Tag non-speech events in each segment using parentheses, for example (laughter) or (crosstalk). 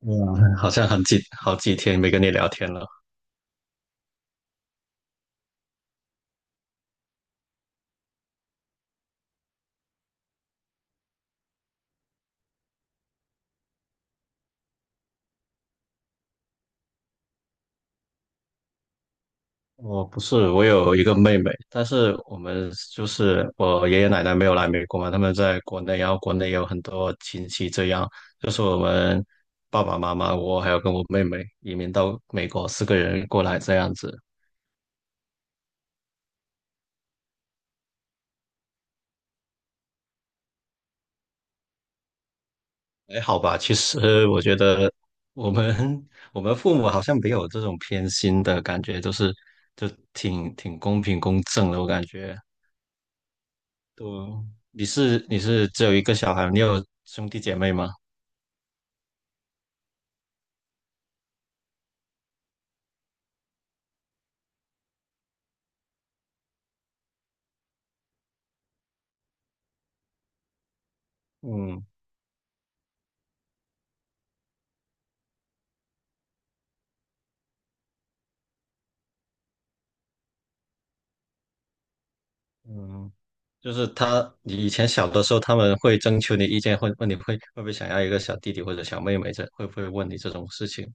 嗯，好像好几天没跟你聊天了。我不是，我有一个妹妹，但是我们就是我爷爷奶奶没有来美国嘛，他们在国内，然后国内也有很多亲戚，这样就是我们爸爸妈妈，我还有跟我妹妹移民到美国，四个人过来这样子，还好吧。其实我觉得我们 (laughs) 我们父母好像没有这种偏心的感觉，就是就挺公平公正的，我感觉。对，你是只有一个小孩，你有兄弟姐妹吗？嗯嗯，就是他，你以前小的时候，他们会征求你意见，会问你会不会想要一个小弟弟或者小妹妹，这会不会问你这种事情？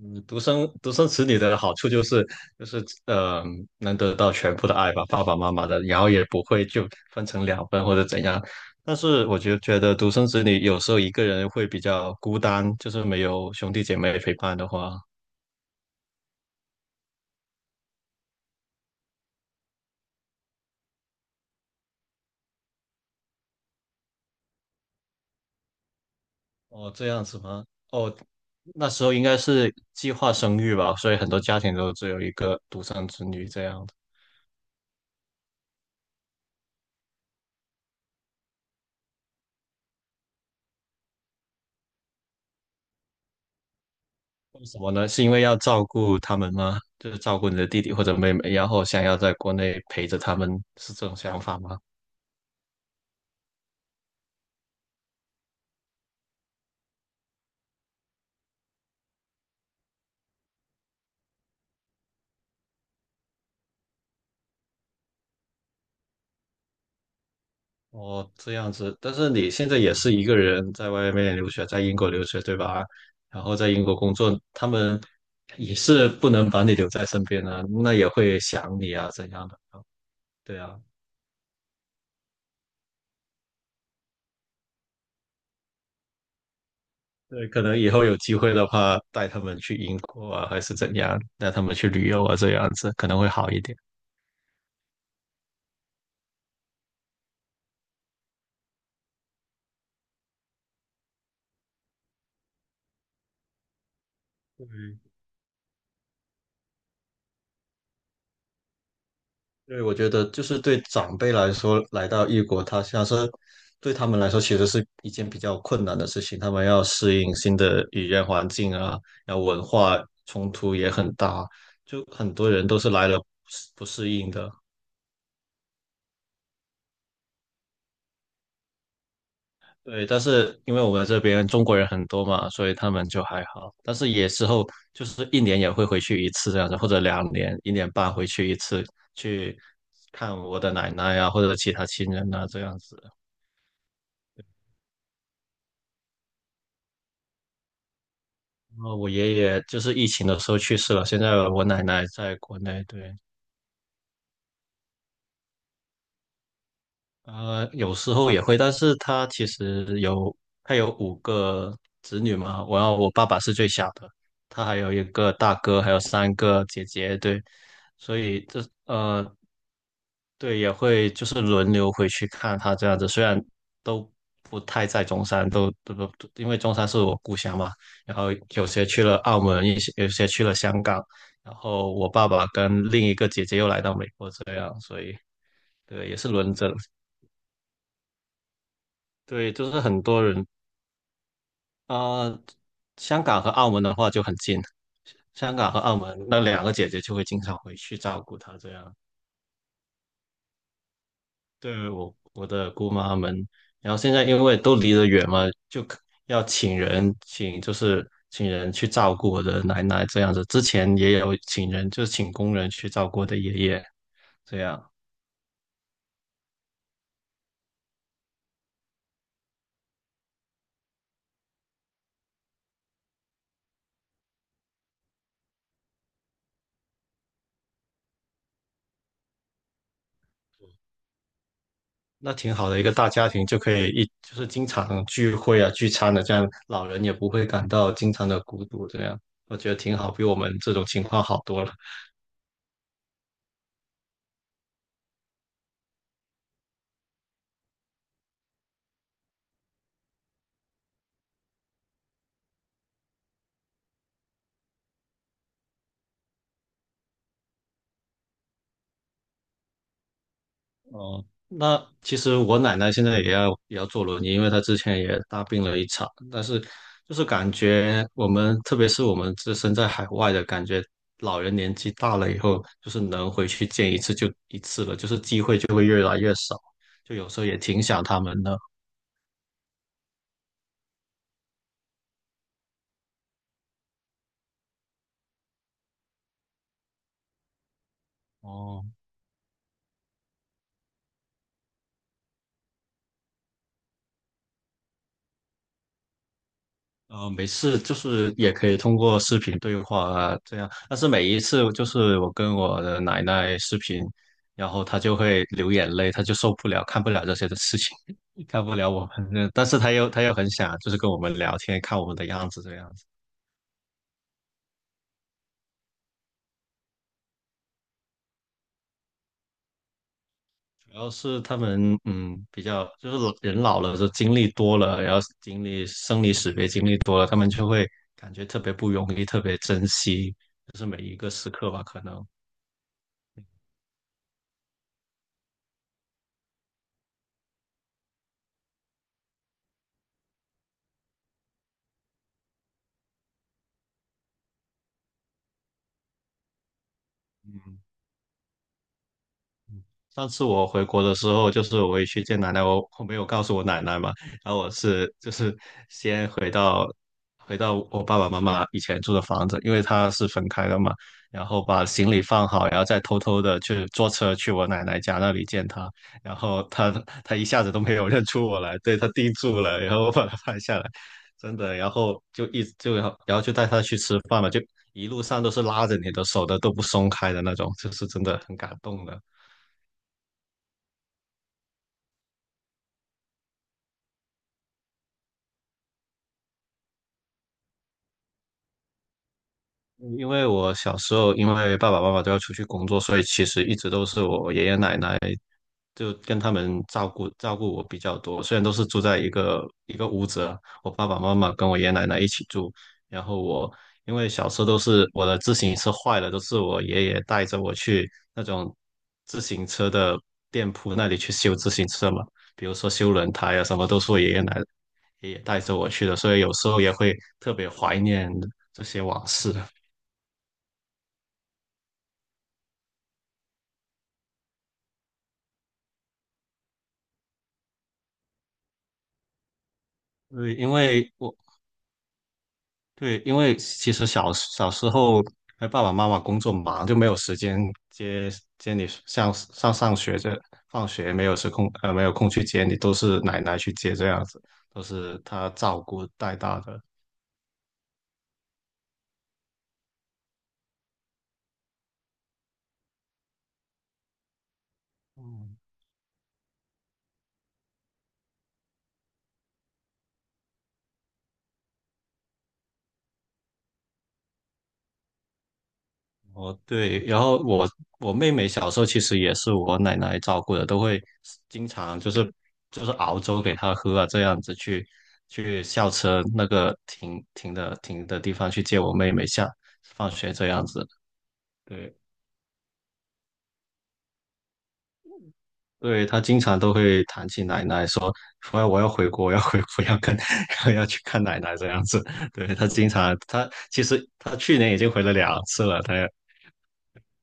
嗯，独生子女的好处就是就是呃，能得到全部的爱吧，爸爸妈妈的，然后也不会就分成两份或者怎样。但是我就觉得独生子女有时候一个人会比较孤单，就是没有兄弟姐妹陪伴的话。哦，这样子吗？哦，那时候应该是计划生育吧，所以很多家庭都只有一个独生子女这样的。为什么呢？是因为要照顾他们吗？就是照顾你的弟弟或者妹妹，然后想要在国内陪着他们，是这种想法吗？哦，这样子。但是你现在也是一个人在外面留学，在英国留学，对吧？然后在英国工作，他们也是不能把你留在身边的，那也会想你啊，怎样的？对啊。对，可能以后有机会的话，带他们去英国啊，还是怎样，带他们去旅游啊，这样子可能会好一点。对，对，我觉得就是对长辈来说，来到异国他乡是对他们来说其实是一件比较困难的事情，他们要适应新的语言环境啊，然后文化冲突也很大，就很多人都是来了不适应的。对，但是因为我们这边中国人很多嘛，所以他们就还好。但是也之后就是一年也会回去一次这样子，或者两年、一年半回去一次，去看我的奶奶啊，或者其他亲人啊这样子。然后我爷爷就是疫情的时候去世了，现在我奶奶在国内。对，呃，有时候也会，但是他其实有，他有五个子女嘛，我爸爸是最小的，他还有一个大哥，还有三个姐姐，对，所以这呃，对，也会就是轮流回去看他这样子，虽然都不太在中山，都都都，因为中山是我故乡嘛，然后有些去了澳门，有些去了香港，然后我爸爸跟另一个姐姐又来到美国这样，所以对，也是轮着。对，就是很多人啊、呃香港和澳门的话就很近，香港和澳门那两个姐姐就会经常回去照顾她，这样对我的姑妈们。然后现在因为都离得远嘛，就是请人去照顾我的奶奶这样子。之前也有请人，就是请工人去照顾我的爷爷这样。那挺好的一个大家庭，就可以一就是经常聚会啊、聚餐的，这样老人也不会感到经常的孤独，这样我觉得挺好，比我们这种情况好多了。哦，那其实我奶奶现在也要坐轮椅，因为她之前也大病了一场，但是就是感觉我们，特别是我们自身在海外的感觉，老人年纪大了以后，就是能回去见一次就一次了，就是机会就会越来越少，就有时候也挺想他们的。哦。呃，没事，就是也可以通过视频对话啊，这样。但是每一次就是我跟我的奶奶视频，然后她就会流眼泪，她就受不了，看不了这些的事情，(laughs) 看不了我们。但是她又很想就是跟我们聊天，看我们的样子这样子。主要是他们比较就是老人老了，就经历多了，然后经历生离死别经历多了，他们就会感觉特别不容易，特别珍惜，就是每一个时刻吧，可能。嗯。上次我回国的时候，就是我回去见奶奶，我没有告诉我奶奶嘛，然后我是就是先回到我爸爸妈妈以前住的房子，因为他是分开的嘛，然后把行李放好，然后再偷偷的去坐车去我奶奶家那里见她，然后她一下子都没有认出我来，对她定住了，然后我把她拍下来，真的，然后就一就然后然后就带她去吃饭嘛，就一路上都是拉着你的手的，都不松开的那种，就是真的很感动的。因为我小时候，因为爸爸妈妈都要出去工作，所以其实一直都是我爷爷奶奶就跟他们照顾我比较多。虽然都是住在一个屋子啊，我爸爸妈妈跟我爷爷奶奶一起住。然后我因为小时候都是我的自行车坏了，都是我爷爷带着我去那种自行车的店铺那里去修自行车嘛，比如说修轮胎啊什么，都是我爷爷奶奶爷爷带着我去的，所以有时候也会特别怀念这些往事。对，因为我对，因为其实小时候，哎，爸爸妈妈工作忙，就没有时间接接你上学放学没有空去接你，都是奶奶去接这样子，都是她照顾带大的。嗯哦，对，然后我妹妹小时候其实也是我奶奶照顾的，都会经常就是熬粥给她喝啊，这样子去校车那个停的地方去接我妹妹放学这样子。对，对，她经常都会谈起奶奶说，我要回国，我要回国，要跟 (laughs) 要去看奶奶这样子。对，她经常，她其实她去年已经回了两次了，她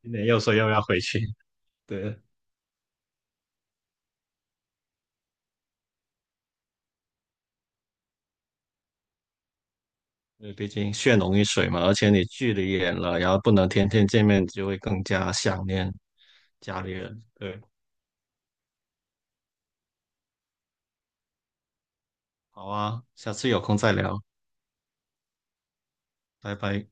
今年又说又要回去。对，因为毕竟血浓于水嘛，而且你距离远了，然后不能天天见面，就会更加想念家里人。对，好啊，下次有空再聊，拜拜。